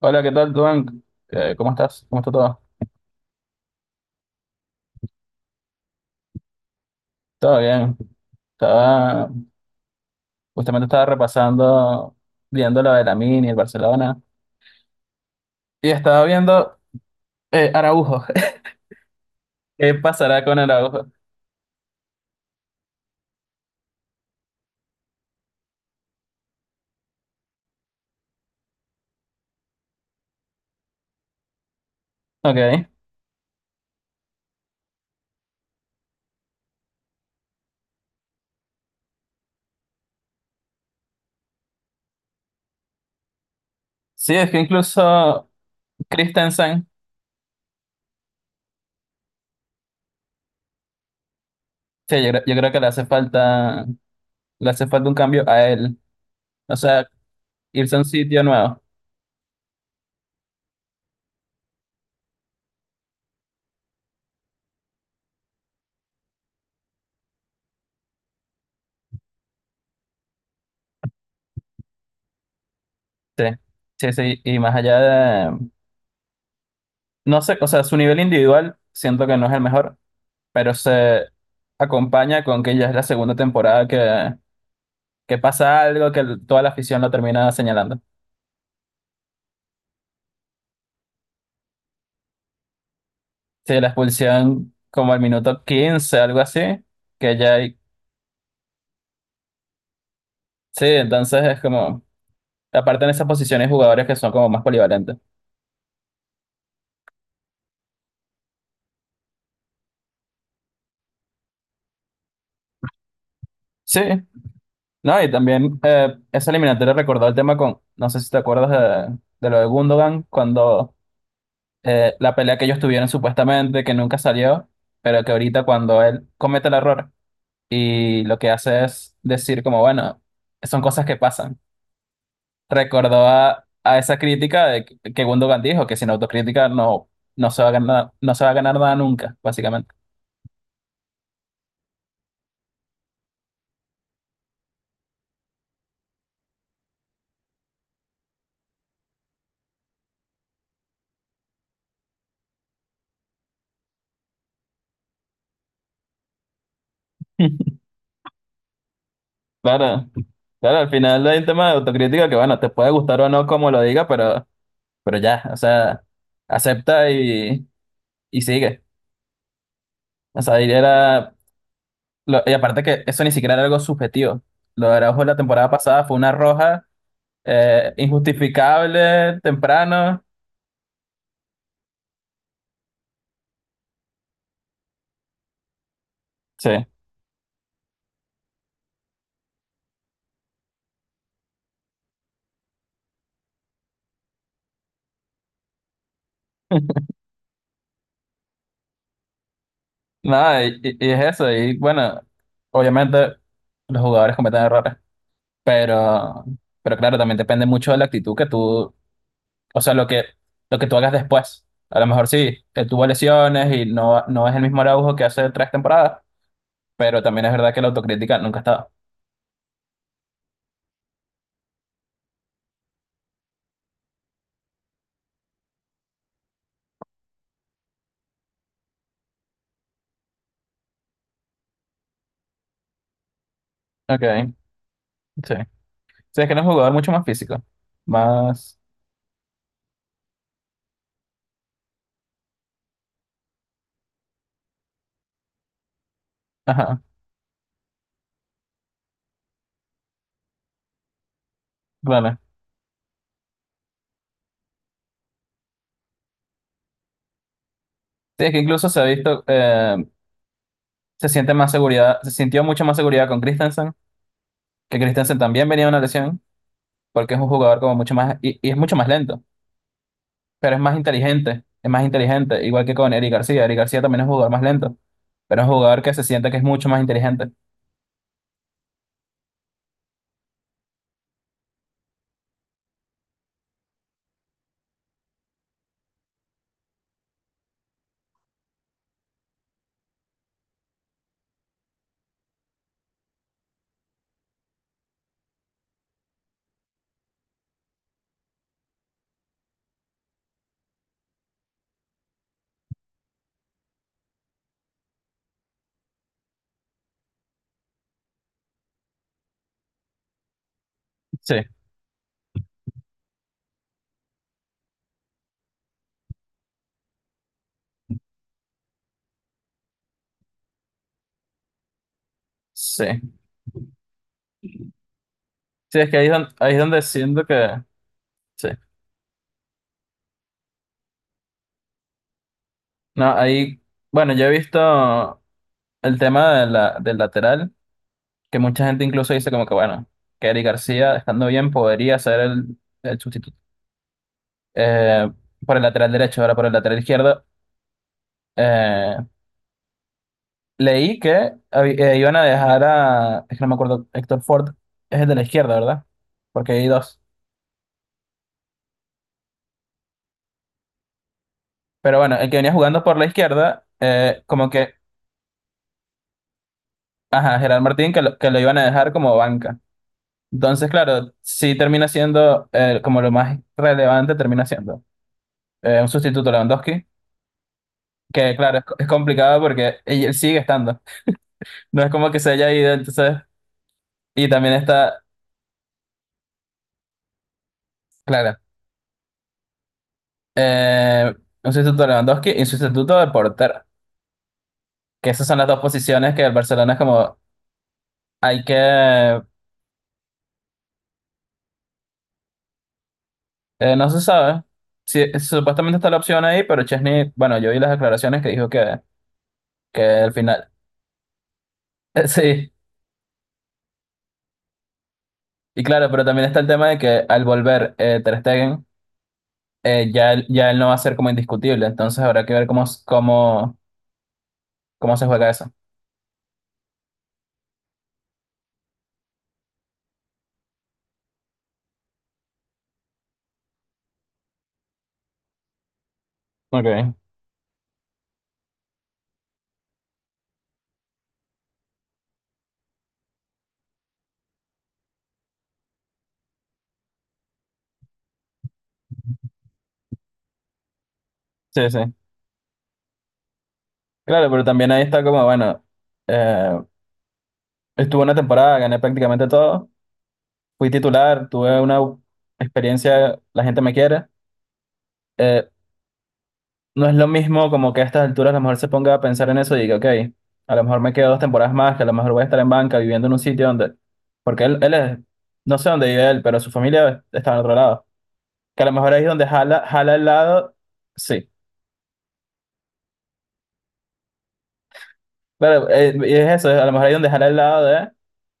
Hola, ¿qué tal, Duan? ¿Cómo estás? ¿Cómo está todo? Todo bien. Estaba, justamente estaba repasando, viendo lo de la Mini, el Barcelona, y estaba viendo Araujo. ¿Qué pasará con Araujo? Ok. Sí, es que incluso Christensen, sí, yo creo que le hace falta un cambio a él. O sea, irse a un sitio nuevo. Sí, sí, sí. Y más allá de, no sé, o sea, su nivel individual siento que no es el mejor, pero se acompaña con que ya es la segunda temporada que pasa algo toda la afición lo termina señalando. Sí, la expulsión como al minuto 15, algo así, que ya hay... Sí, entonces es como, aparte en esas posiciones jugadores que son como más polivalentes. Sí, no, y también esa eliminatoria recordó el tema con, no sé si te acuerdas de lo de Gundogan, cuando la pelea que ellos tuvieron supuestamente, que nunca salió, pero que ahorita cuando él comete el error y lo que hace es decir como, bueno, son cosas que pasan. Recordó a esa crítica de que Gundogan dijo que sin autocrítica no, no se va a ganar, no se va a ganar nada nunca, básicamente. Claro, claro, al final hay un tema de autocrítica que, bueno, te puede gustar o no como lo diga, pero ya, o sea, acepta y sigue. O sea, y era, y aparte que eso ni siquiera era algo subjetivo. Lo de Araujo la temporada pasada fue una roja injustificable, temprano. Sí. Nada, y es eso. Y bueno, obviamente los jugadores cometen errores, pero, pero claro, también depende mucho de la actitud que tú, o sea, lo que tú hagas después. A lo mejor sí, él tuvo lesiones y no, no es el mismo Araujo que hace 3 temporadas, pero también es verdad que la autocrítica nunca está. Ok, sí. Sí, es que era un jugador mucho más físico, más... Ajá, claro. Sí, es que incluso se ha visto, se siente más seguridad, se sintió mucho más seguridad con Christensen, que Christensen también venía de una lesión, porque es un jugador como mucho más, y es mucho más lento. Pero es más inteligente, igual que con Eric García. Eric García también es un jugador más lento, pero es un jugador que se siente que es mucho más inteligente. Sí, sí. Sí, es que ahí es donde siento que... Sí. No, ahí... Bueno, yo he visto el tema de del lateral, que mucha gente incluso dice como que, bueno, que Eric García, estando bien, podría ser el sustituto. Eh, por el lateral derecho, ahora por el lateral izquierdo. eh, Leí que iban a dejar a... Es que no me acuerdo, Héctor Ford es el de la izquierda, ¿verdad? Porque hay dos. Pero bueno, el que venía jugando por la izquierda, ajá, Gerard Martín, que lo iban a dejar como banca. Entonces, claro, sí termina siendo como lo más relevante, termina siendo un sustituto Lewandowski, que claro, es complicado porque él sigue estando. No es como que se haya ido, entonces, y también está, claro, eh, un sustituto Lewandowski y un sustituto de portero, que esas son las dos posiciones que el Barcelona es como, hay que... No se sabe. Sí, supuestamente está la opción ahí, pero Chesney, bueno, yo vi las declaraciones que dijo que al final. Sí, y claro, pero también está el tema de que al volver Ter Stegen, ya él no va a ser como indiscutible, entonces habrá que ver cómo, cómo se juega eso. Ok, sí, sí. Claro, pero también ahí está como, bueno, eh, estuve una temporada, gané prácticamente todo, fui titular, tuve una experiencia, la gente me quiere. No es lo mismo como que a estas alturas a lo mejor se ponga a pensar en eso y diga, ok, a lo mejor me quedo 2 temporadas más, que a lo mejor voy a estar en banca viviendo en un sitio donde, porque él es, no sé dónde vive él, pero su familia está en otro lado, que a lo mejor ahí es donde jala, jala el lado, sí, pero y es eso, a lo mejor ahí es donde jala el lado de,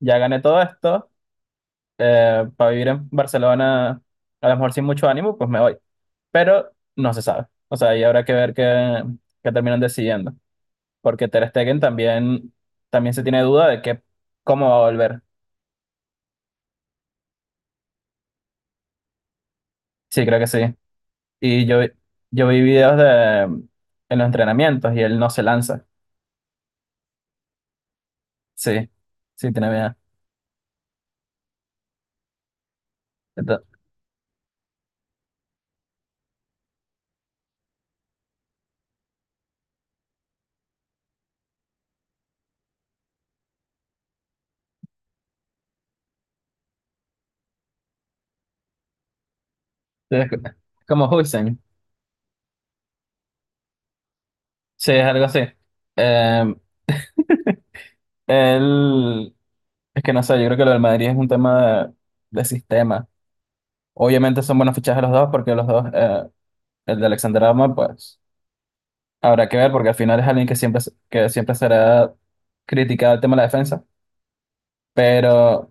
ya gané todo esto, para vivir en Barcelona, a lo mejor sin mucho ánimo, pues me voy, pero no se sabe, o sea, ahí habrá que ver qué, qué terminan decidiendo. Porque Ter Stegen también, también se tiene duda de que, cómo va a volver. Sí, creo que sí. Y yo vi videos de, en los entrenamientos y él no se lanza. Sí, sí, tiene miedo. Ento- sí, es como Huijsen. Sí, es algo así. Eh, Él, es que no sé, yo creo que lo del Madrid es un tema de sistema. Obviamente son buenos fichajes los dos, porque los dos, el de Alexander Arnold, pues habrá que ver, porque al final es alguien que que siempre será criticado el tema de la defensa. Pero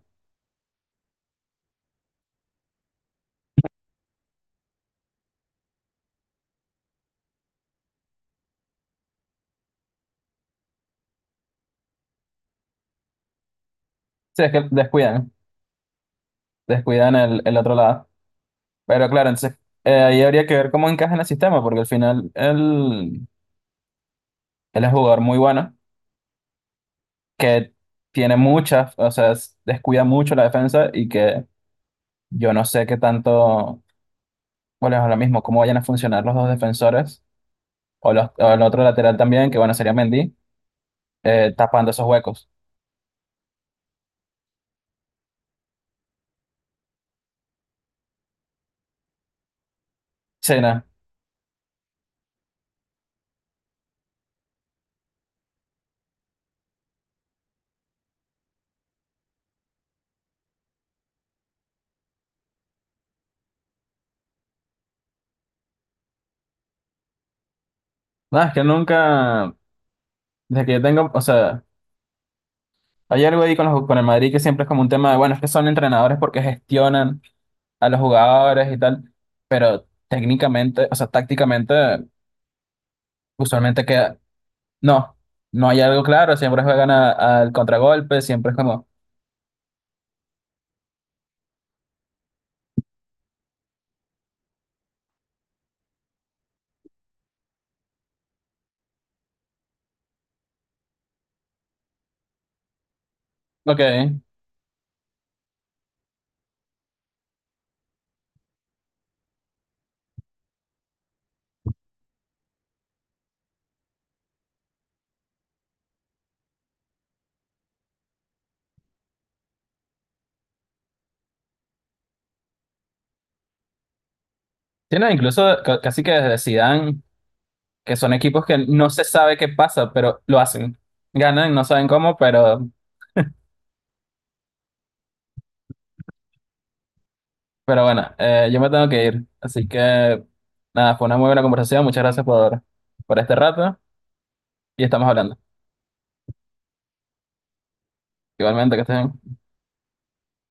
sí, es que descuidan, descuidan el otro lado. Pero claro, entonces ahí habría que ver cómo encaja en el sistema, porque al final él, él es un jugador muy bueno, que tiene muchas, o sea, descuida mucho la defensa y que yo no sé qué tanto, bueno, es lo mismo, cómo vayan a funcionar los dos defensores o, los, o el otro lateral también, que bueno, sería Mendy, tapando esos huecos. Sí, nada, nada, es que nunca, desde que yo tengo, o sea, hay algo ahí con el Madrid que siempre es como un tema de, bueno, es que son entrenadores porque gestionan a los jugadores y tal, pero técnicamente, o sea, tácticamente, usualmente queda, no, no hay algo claro, al contragolpe, siempre es como, ok, tienen incluso casi que desde Zidane, que son equipos que no se sabe qué pasa, pero lo hacen, ganan, no saben cómo, pero bueno, yo me tengo que ir, así que nada, fue una muy buena conversación, muchas gracias por este rato y estamos hablando. Igualmente, que estén.